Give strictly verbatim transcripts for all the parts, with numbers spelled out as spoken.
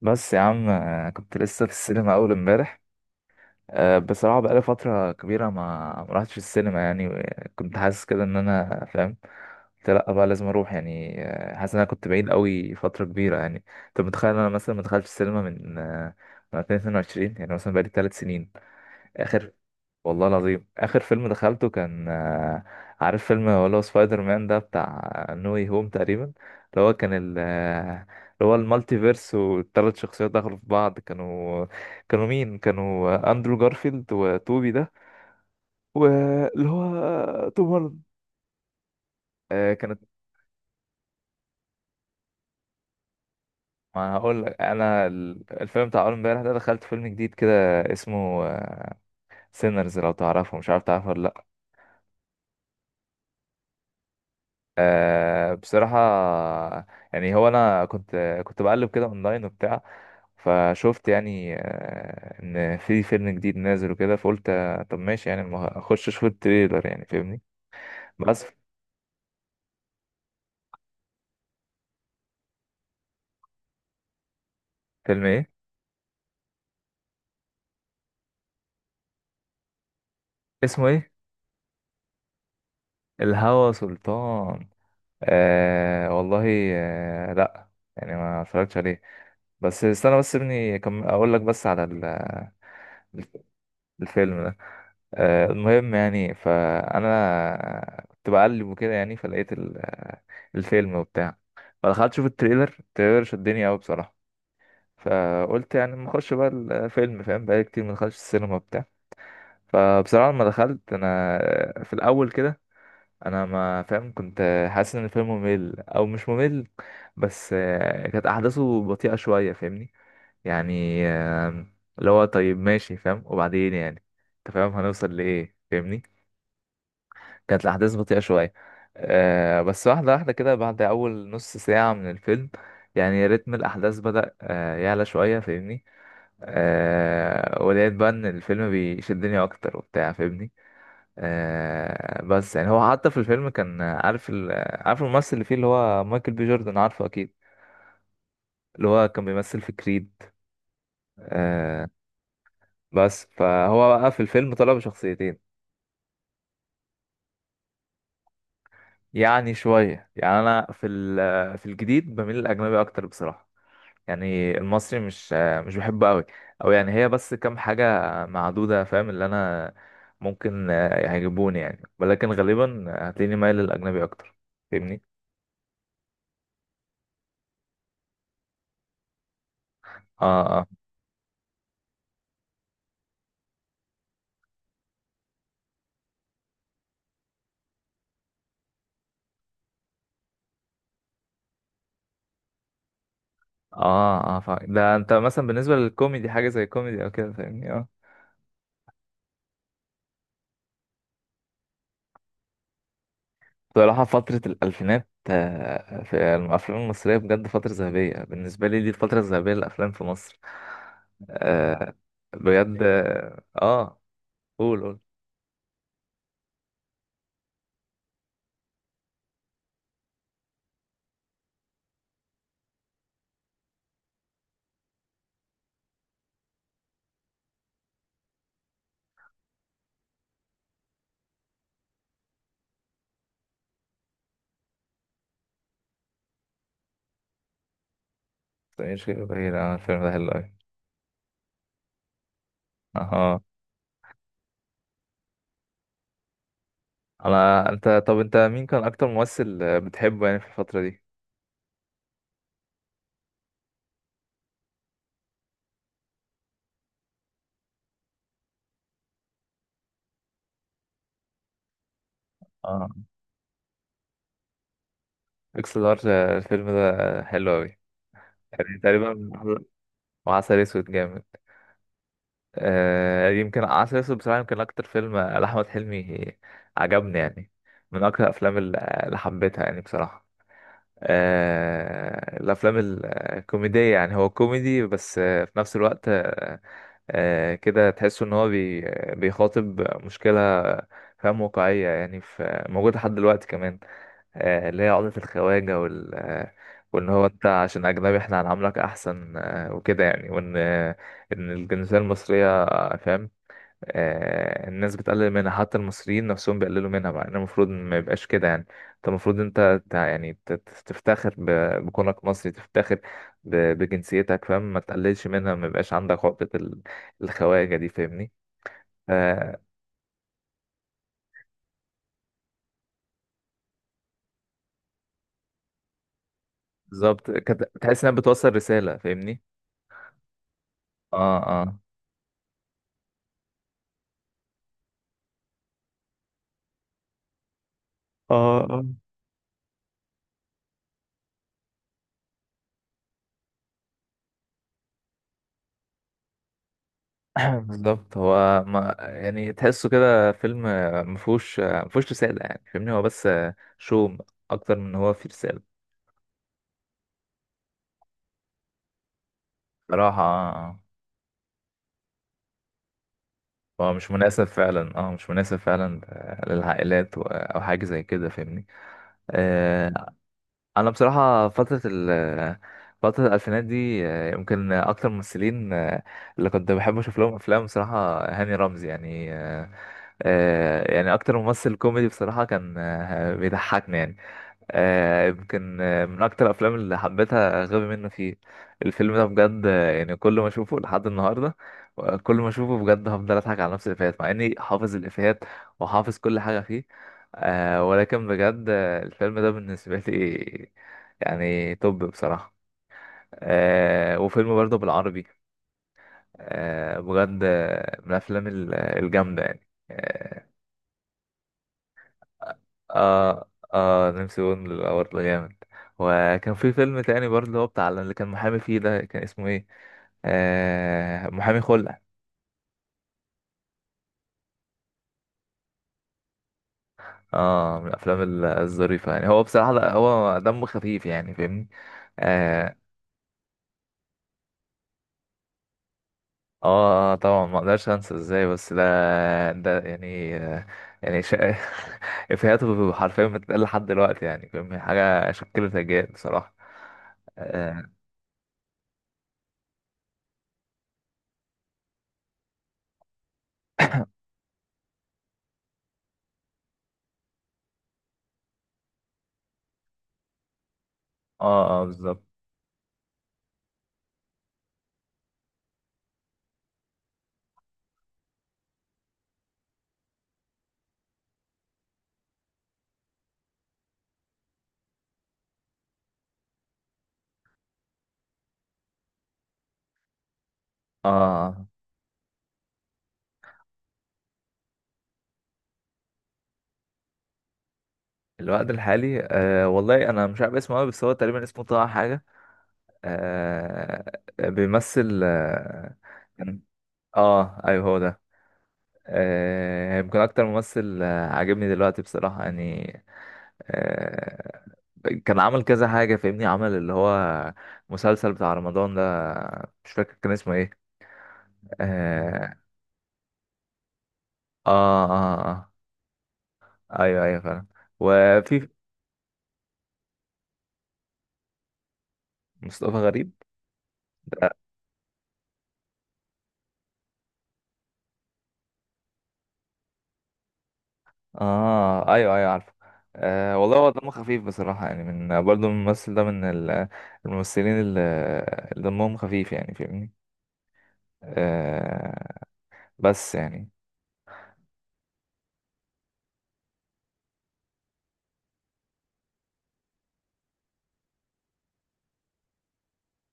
بس يا عم، آه، كنت لسه في السينما اول امبارح. آه، بصراحه بقالي فتره كبيره ما ما رحتش السينما يعني، و- كنت حاسس كده ان انا فاهم. قلت لا بقى لازم اروح يعني، آه، حاسس ان انا كنت بعيد قوي فتره كبيره. يعني انت متخيل إن انا مثلا ما دخلتش السينما من آه، من ألفين واثنين وعشرين، يعني مثلا بقالي ثلاث سنين. اخر والله العظيم، اخر فيلم دخلته كان، آه، عارف فيلم اللي هو سبايدر مان ده بتاع نو واي هوم تقريبا، اللي هو كان ال آه، اللي هو المالتي فيرس، والثلاث شخصيات دخلوا في بعض. كانوا كانوا مين؟ كانوا آه، اندرو جارفيلد وتوبي ده، واللي هو آه، توم هولاند. آه، كانت ما هقول لك انا، ال- الفيلم بتاع اول امبارح ده، دخلت فيلم جديد كده اسمه سينرز، لو تعرفه. مش عارف تعرفه ولا لا. آه بصراحة، يعني هو أنا كنت كنت بقلب كده أونلاين وبتاع، فشفت يعني آه إن في فيلم جديد نازل وكده، فقلت آه، طب ماشي يعني، ما أخش أشوف التريلر يعني، فاهمني. بس فيلم إيه؟ اسمه إيه؟ الهوى سلطان. آه والله. آه، لأ، يعني ما اتفرجتش عليه. بس استنى، بس ابني كم أقول لك بس على ال- آه، الفيلم ده. آه، المهم يعني، فانا كنت بقلب وكده، يعني فلقيت ال- آه، الفيلم وبتاع، فدخلت اشوف التريلر التريلر شدني قوي بصراحه، فقلت يعني ما اخش بقى الفيلم، فاهم بقالي كتير ما دخلتش السينما وبتاع. فبصراحه لما دخلت انا، آه، في الاول كده، انا ما فاهم كنت حاسس ان الفيلم ممل او مش ممل، بس آه، كانت احداثه بطيئه شويه، فاهمني. يعني آه، اللي هو طيب ماشي فاهم، وبعدين يعني انت فاهم هنوصل لايه، فاهمني. كانت الأحداث بطيئة شوية. آه بس واحدة واحدة كده، بعد أول نص ساعة من الفيلم يعني، رتم الأحداث بدأ آه يعلى شوية، فاهمني. آه ولقيت بقى إن الفيلم بيشدني أكتر وبتاع، فاهمني. آه بس يعني هو، حتى في الفيلم كان عارف ال... عارف الممثل اللي فيه، اللي هو مايكل بي جوردن، عارفه أكيد؟ اللي هو كان بيمثل في كريد. آه بس فهو بقى في الفيلم طلع بشخصيتين. يعني شوية، يعني أنا في ال... في الجديد بميل للأجنبي أكتر بصراحة. يعني المصري، مش مش بحبه قوي. او يعني هي بس كام حاجه معدوده فاهم، اللي انا ممكن آه، يعجبوني يعني، ولكن غالبا هتلاقيني مايل للاجنبي اكتر، فاهمني. اه، اه، اه. اه فا- ده انت مثلا بالنسبه للكوميدي، حاجه زي كوميدي او كده، فاهمني؟ اه. بصراحه فتره الالفينات، آه، في الافلام المصريه بجد فتره ذهبيه بالنسبه لي. دي الفتره الذهبيه للافلام في مصر. آه بجد، اه. آه، قول، قول. مش كده بعيد، آه، الفيلم ده حلو أوي. اها. انا انت طب انت مين كان اكتر ممثل آه، بتحبه يعني في الفترة دي؟ اه. اكس لارج، آه، الفيلم ده حلو قوي. يعني تقريبا. وعسل اسود جامد. آه يمكن عسل اسود بصراحة يمكن اكتر فيلم آه، لاحمد حلمي عجبني يعني. من اكتر الافلام اللي اللي حبيتها يعني بصراحة. آه الافلام ال- الكوميدية، يعني هو كوميدي بس آه، في نفس الوقت، آه، كده تحس ان هو بي بيخاطب مشكلة، فاهم، واقعية يعني، في موجودة لحد دلوقتي كمان، آه، اللي هي عقدة الخواجة وال آه، وان هو انت عشان اجنبي احنا هنعاملك احسن، آه، وكده يعني، وان آه، ان الجنسية المصرية، آه، فاهم، آه، الناس بتقلل منها، حتى المصريين نفسهم بيقللوا منها. بقى إن المفروض ما يبقاش كده يعني. انت المفروض انت، تع- يعني ت- ت- تفتخر ب- بكونك مصري، تفتخر ب- بجنسيتك، فاهم، ما تقللش منها، ما يبقاش عندك عقدة ال- الخواجة دي، فاهمني. آه، بالظبط، كت- تحس انها بتوصل رسالة، فاهمني. اه، اه، اه. آه. بالظبط. هو ما يعني، تحسه كده فيلم آه، مفهوش آه، مفهوش رسالة يعني، فاهمني، هو بس آه، شو اكتر من هو فيه رسالة. بصراحة. آه. آه. هو مش مناسب فعلا. اه، مش مناسب فعلا آه، للعائلات، و- او حاجه زي كده، فاهمني. آه انا بصراحه، فتره ال فتره الالفينات دي آه، يمكن اكتر ممثلين آه، اللي كنت بحب اشوف لهم افلام بصراحه هاني رمزي يعني. آه، آه، يعني اكتر ممثل كوميدي بصراحة كان آه، بيضحكني يعني. آه، يمكن آه، من اكتر الافلام اللي حبيتها غبي منه فيه. الفيلم ده بجد، آه، يعني كل ما اشوفه لحد النهاردة، آه، كل ما اشوفه بجد هفضل اضحك على نفس الافيهات، مع اني حافظ الافيهات وحافظ كل حاجة فيه. آه، ولكن بجد آه، الفيلم ده بالنسبة لي، يعني توب بصراحة. آه، وفيلم برضه بالعربي، آه، بجد آه، من الافلام ال- الجامدة يعني. آه، اه، اه. نمسي بون برضه جامد. وكان في فيلم تاني برضه، اللي هو بتاع اللي كان محامي فيه ده، كان اسمه ايه؟ آه محامي خلع. اه، من الافلام ال- الظريفه يعني. هو بصراحه، لا، هو دمه خفيف يعني، فاهمني. اه، اه. آه، طبعا ما اقدرش انسى ازاي. بس ده، ده يعني آه، يعني شا... افيهاته حرفيا بتتقال لحد دلوقتي يعني، فاهمني، حاجه شكلت اجيال بصراحه. اه، اه. آه، بالظبط. اه. آه. الوقت الحالي، أه والله انا مش عارف اسمه قوي، بس هو تقريبا اسمه طه حاجه. أه بيمثل، اه. كان- آه، ايوه هو ده. أه يمكن اكتر ممثل آه، عاجبني دلوقتي بصراحه يعني. أه كان عمل كذا حاجه، فاهمني، عمل اللي هو مسلسل بتاع رمضان ده، مش فاكر كان اسمه ايه. اه. اه، اه، آه. آه، ايوه ايوه فعلا. وفي مصطفى غريب. اه، ايوه ايوه، عارفه. آه والله، هو دمه خفيف بصراحه يعني، من برضه الممثل ده من ال- الممثلين اللي اللي دمهم خفيف يعني، فاهمني. آه بس يعني،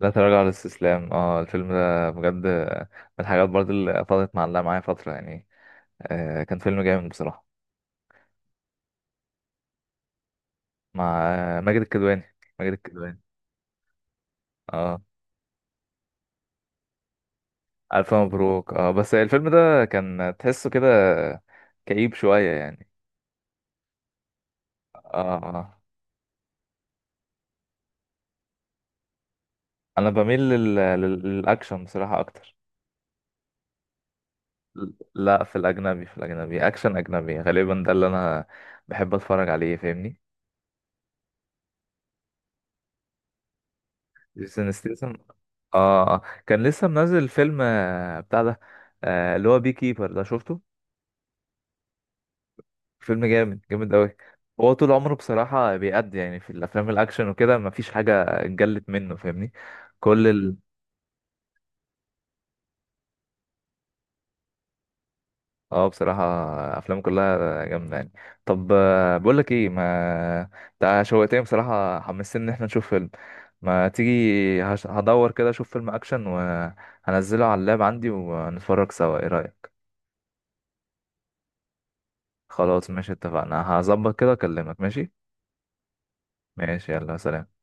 لا تراجع ولا استسلام. اه، الفيلم ده بجد من الحاجات برضه اللي فضلت معلقه معايا فتره يعني. آه كان فيلم جامد بصراحه، مع ماجد الكدواني ماجد الكدواني. اه. الف مبروك. اه، بس الفيلم ده كان تحسه كده كئيب شويه يعني. اه، اه. انا بميل لل... لل- للاكشن بصراحه اكتر. لا، في الاجنبي في الاجنبي، اكشن اجنبي غالبا ده اللي انا بحب اتفرج عليه، فاهمني. جيسون ستيسن. اه. آه. كان لسه منزل فيلم آه، بتاع ده، آه، اللي هو بي كيبر ده، شفته؟ فيلم جامد جامد قوي. هو طول عمره بصراحه بيأدي يعني في الافلام الاكشن وكده، مفيش حاجه اتجلت منه، فاهمني. كل اه بصراحة، أفلام كلها جامدة يعني. طب، آه، بقولك ايه، ما انت شوقتني بصراحة، حمستني ان احنا نشوف فيلم. ما تيجي، هش... هدور كده اشوف فيلم اكشن وهنزله على اللاب عندي ونتفرج سوا، ايه رأيك؟ خلاص، ماشي، اتفقنا. هظبط كده، اكلمك. ماشي، ماشي، يلا، سلام.